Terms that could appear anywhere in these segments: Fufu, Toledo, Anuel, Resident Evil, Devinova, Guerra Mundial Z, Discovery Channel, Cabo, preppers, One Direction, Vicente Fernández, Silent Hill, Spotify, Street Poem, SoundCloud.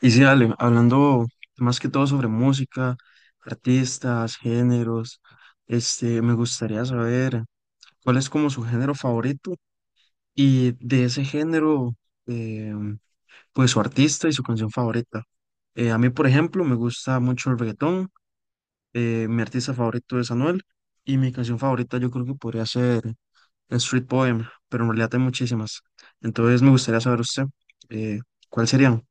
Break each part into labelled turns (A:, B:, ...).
A: Y sí, Ale, hablando más que todo sobre música, artistas, géneros, me gustaría saber cuál es como su género favorito y de ese género, eh, pues su artista y su canción favorita. A mí, por ejemplo, me gusta mucho el reggaetón, mi artista favorito es Anuel y mi canción favorita yo creo que podría ser Street Poem, pero en realidad hay muchísimas. Entonces me gustaría saber usted, eh, ¿cuál serían?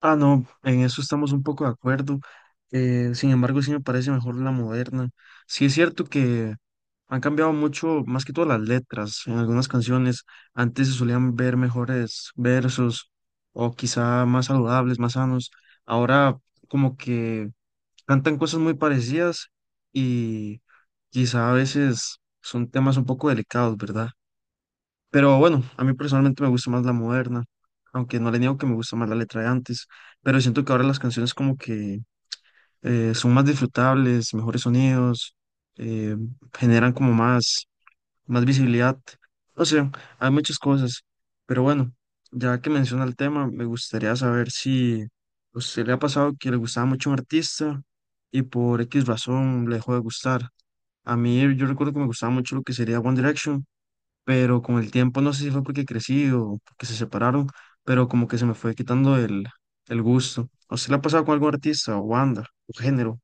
A: Ah, no, en eso estamos un poco de acuerdo. Sin embargo, sí me parece mejor la moderna. Sí es cierto que han cambiado mucho, más que todo las letras en algunas canciones. Antes se solían ver mejores versos o quizá más saludables, más sanos. Ahora como que cantan cosas muy parecidas y quizá a veces son temas un poco delicados, ¿verdad? Pero bueno, a mí personalmente me gusta más la moderna, aunque no le niego que me gusta más la letra de antes, pero siento que ahora las canciones como que son más disfrutables, mejores sonidos, eh, generan como más, más visibilidad. O sea, hay muchas cosas, pero bueno, ya que menciona el tema, me gustaría saber si a usted le ha pasado que le gustaba mucho un artista y por X razón le dejó de gustar. A mí yo recuerdo que me gustaba mucho lo que sería One Direction, pero con el tiempo, no sé si fue porque crecí o porque se separaron, pero como que se me fue quitando el gusto. ¿A usted le ha pasado con algún artista o banda o género?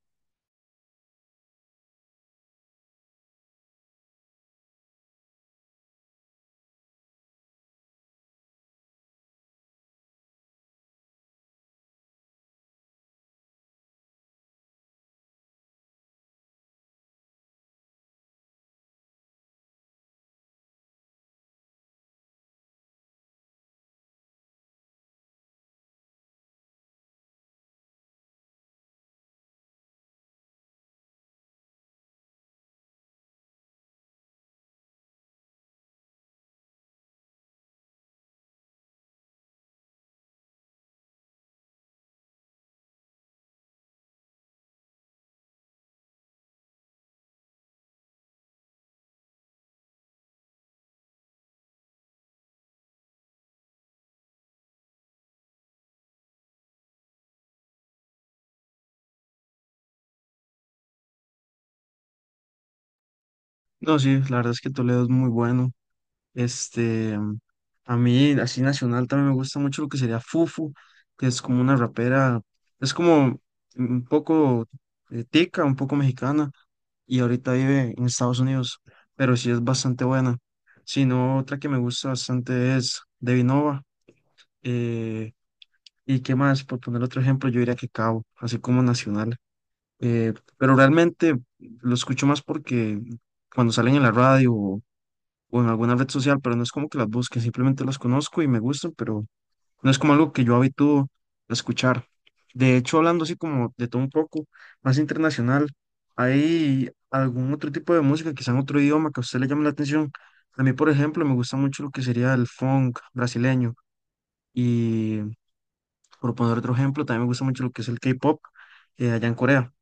A: No, sí, la verdad es que Toledo es muy bueno. Este, a mí, así nacional, también me gusta mucho lo que sería Fufu, que es como una rapera, es como un poco tica, un poco mexicana, y ahorita vive en Estados Unidos, pero sí es bastante buena. Si no, otra que me gusta bastante es Devinova. ¿Y qué más? Por poner otro ejemplo, yo diría que Cabo, así como nacional. Pero realmente lo escucho más porque cuando salen en la radio o en alguna red social, pero no es como que las busque, simplemente las conozco y me gustan, pero no es como algo que yo habitúo a escuchar. De hecho, hablando así como de todo un poco, más internacional, ¿hay algún otro tipo de música, quizá en otro idioma que a usted le llame la atención? A mí, por ejemplo, me gusta mucho lo que sería el funk brasileño. Por poner otro ejemplo, también me gusta mucho lo que es el K-pop, allá en Corea.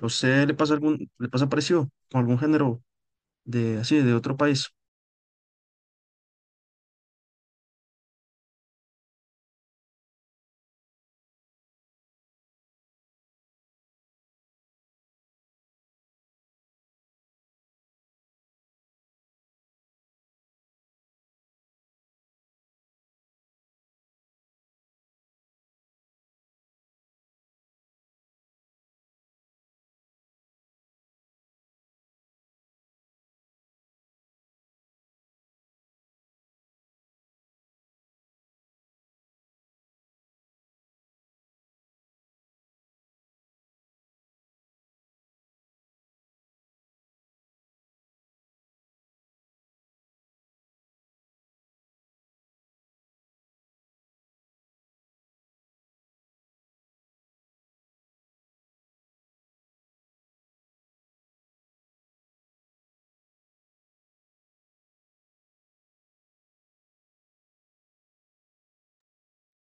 A: ¿A usted le pasa algún, le pasa parecido con algún género de así, de otro país?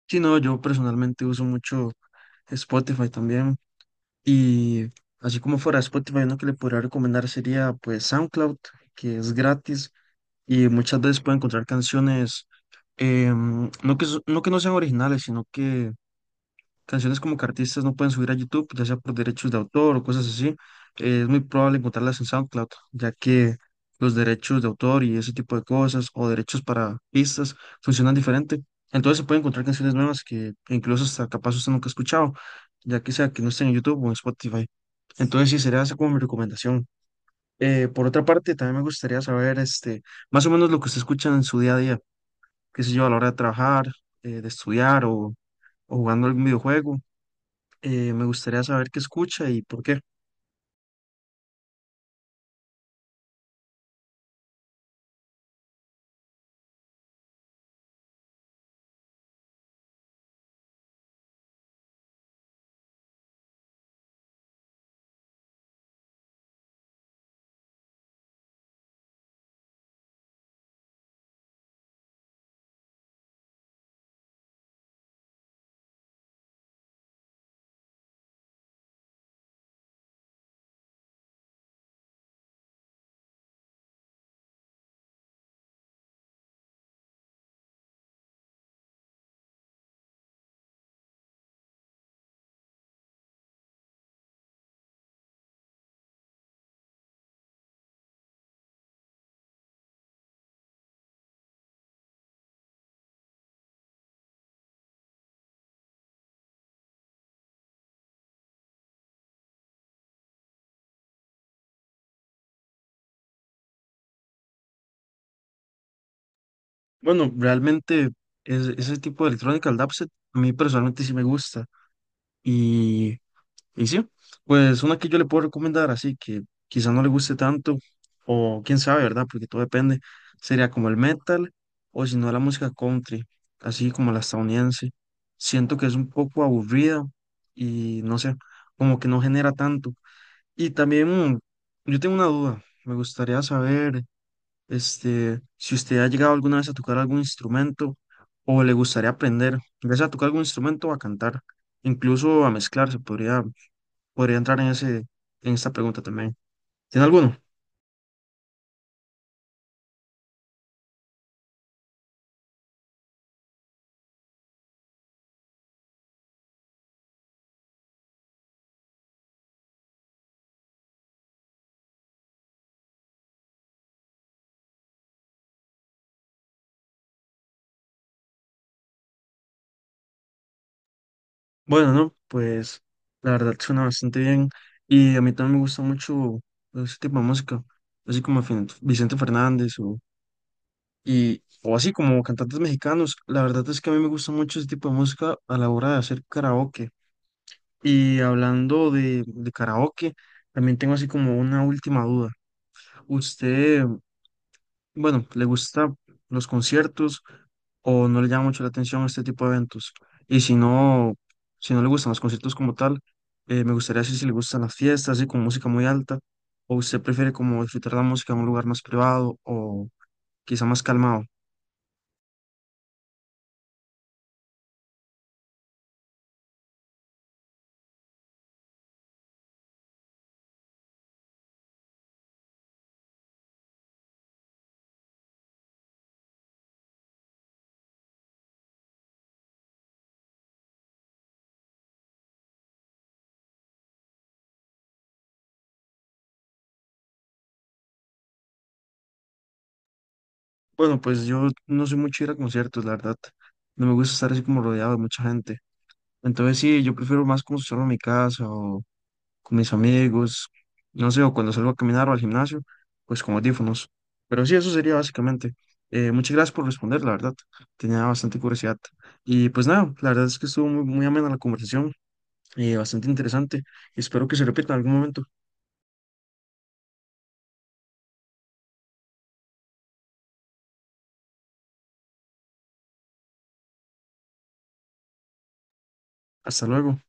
A: Sí, no, yo personalmente uso mucho Spotify también. Y así como fuera de Spotify, uno que le podría recomendar sería pues SoundCloud, que es gratis y muchas veces puede encontrar canciones, no que, no que no sean originales, sino que canciones como que artistas no pueden subir a YouTube, ya sea por derechos de autor o cosas así, es muy probable encontrarlas en SoundCloud, ya que los derechos de autor y ese tipo de cosas, o derechos para pistas, funcionan diferente. Entonces se pueden encontrar canciones nuevas que incluso hasta capaz usted nunca ha escuchado, ya que sea que no estén en YouTube o en Spotify. Entonces sí, sería esa como mi recomendación. Por otra parte, también me gustaría saber más o menos lo que usted escucha en su día a día, qué sé yo, a la hora de trabajar, de estudiar o jugando algún videojuego, me gustaría saber qué escucha y por qué. Bueno, realmente ese tipo de electrónica, el dubstep, a mí personalmente sí me gusta. Y, y sí, pues una que yo le puedo recomendar, así que quizá no le guste tanto, o quién sabe, ¿verdad? Porque todo depende. Sería como el metal, o si no, la música country, así como la estadounidense. Siento que es un poco aburrida y no sé, como que no genera tanto. Y también mm, yo tengo una duda, me gustaría saber. Si usted ha llegado alguna vez a tocar algún instrumento o le gustaría aprender, ya sea a tocar algún instrumento o a cantar, incluso a mezclar, se podría, podría entrar en ese, en esta pregunta también. ¿Tiene alguno? Bueno, no, pues la verdad suena bastante bien y a mí también me gusta mucho ese tipo de música, así como Vicente Fernández o así como cantantes mexicanos. La verdad es que a mí me gusta mucho ese tipo de música a la hora de hacer karaoke. Y hablando de karaoke, también tengo así como una última duda. ¿Usted, bueno, le gusta los conciertos o no le llama mucho la atención este tipo de eventos? Y si no, si no le gustan los conciertos como tal, me gustaría saber si le gustan las fiestas, así con música muy alta, o usted prefiere como disfrutar la música en un lugar más privado o quizá más calmado. Bueno, pues yo no soy mucho de ir a conciertos, la verdad. No me gusta estar así como rodeado de mucha gente. Entonces sí, yo prefiero más como estar en mi casa o con mis amigos, no sé, o cuando salgo a caminar o al gimnasio, pues con audífonos. Pero sí, eso sería básicamente. Muchas gracias por responder, la verdad. Tenía bastante curiosidad. Y pues nada, la verdad es que estuvo muy, muy amena la conversación, bastante interesante. Espero que se repita en algún momento. Hasta luego.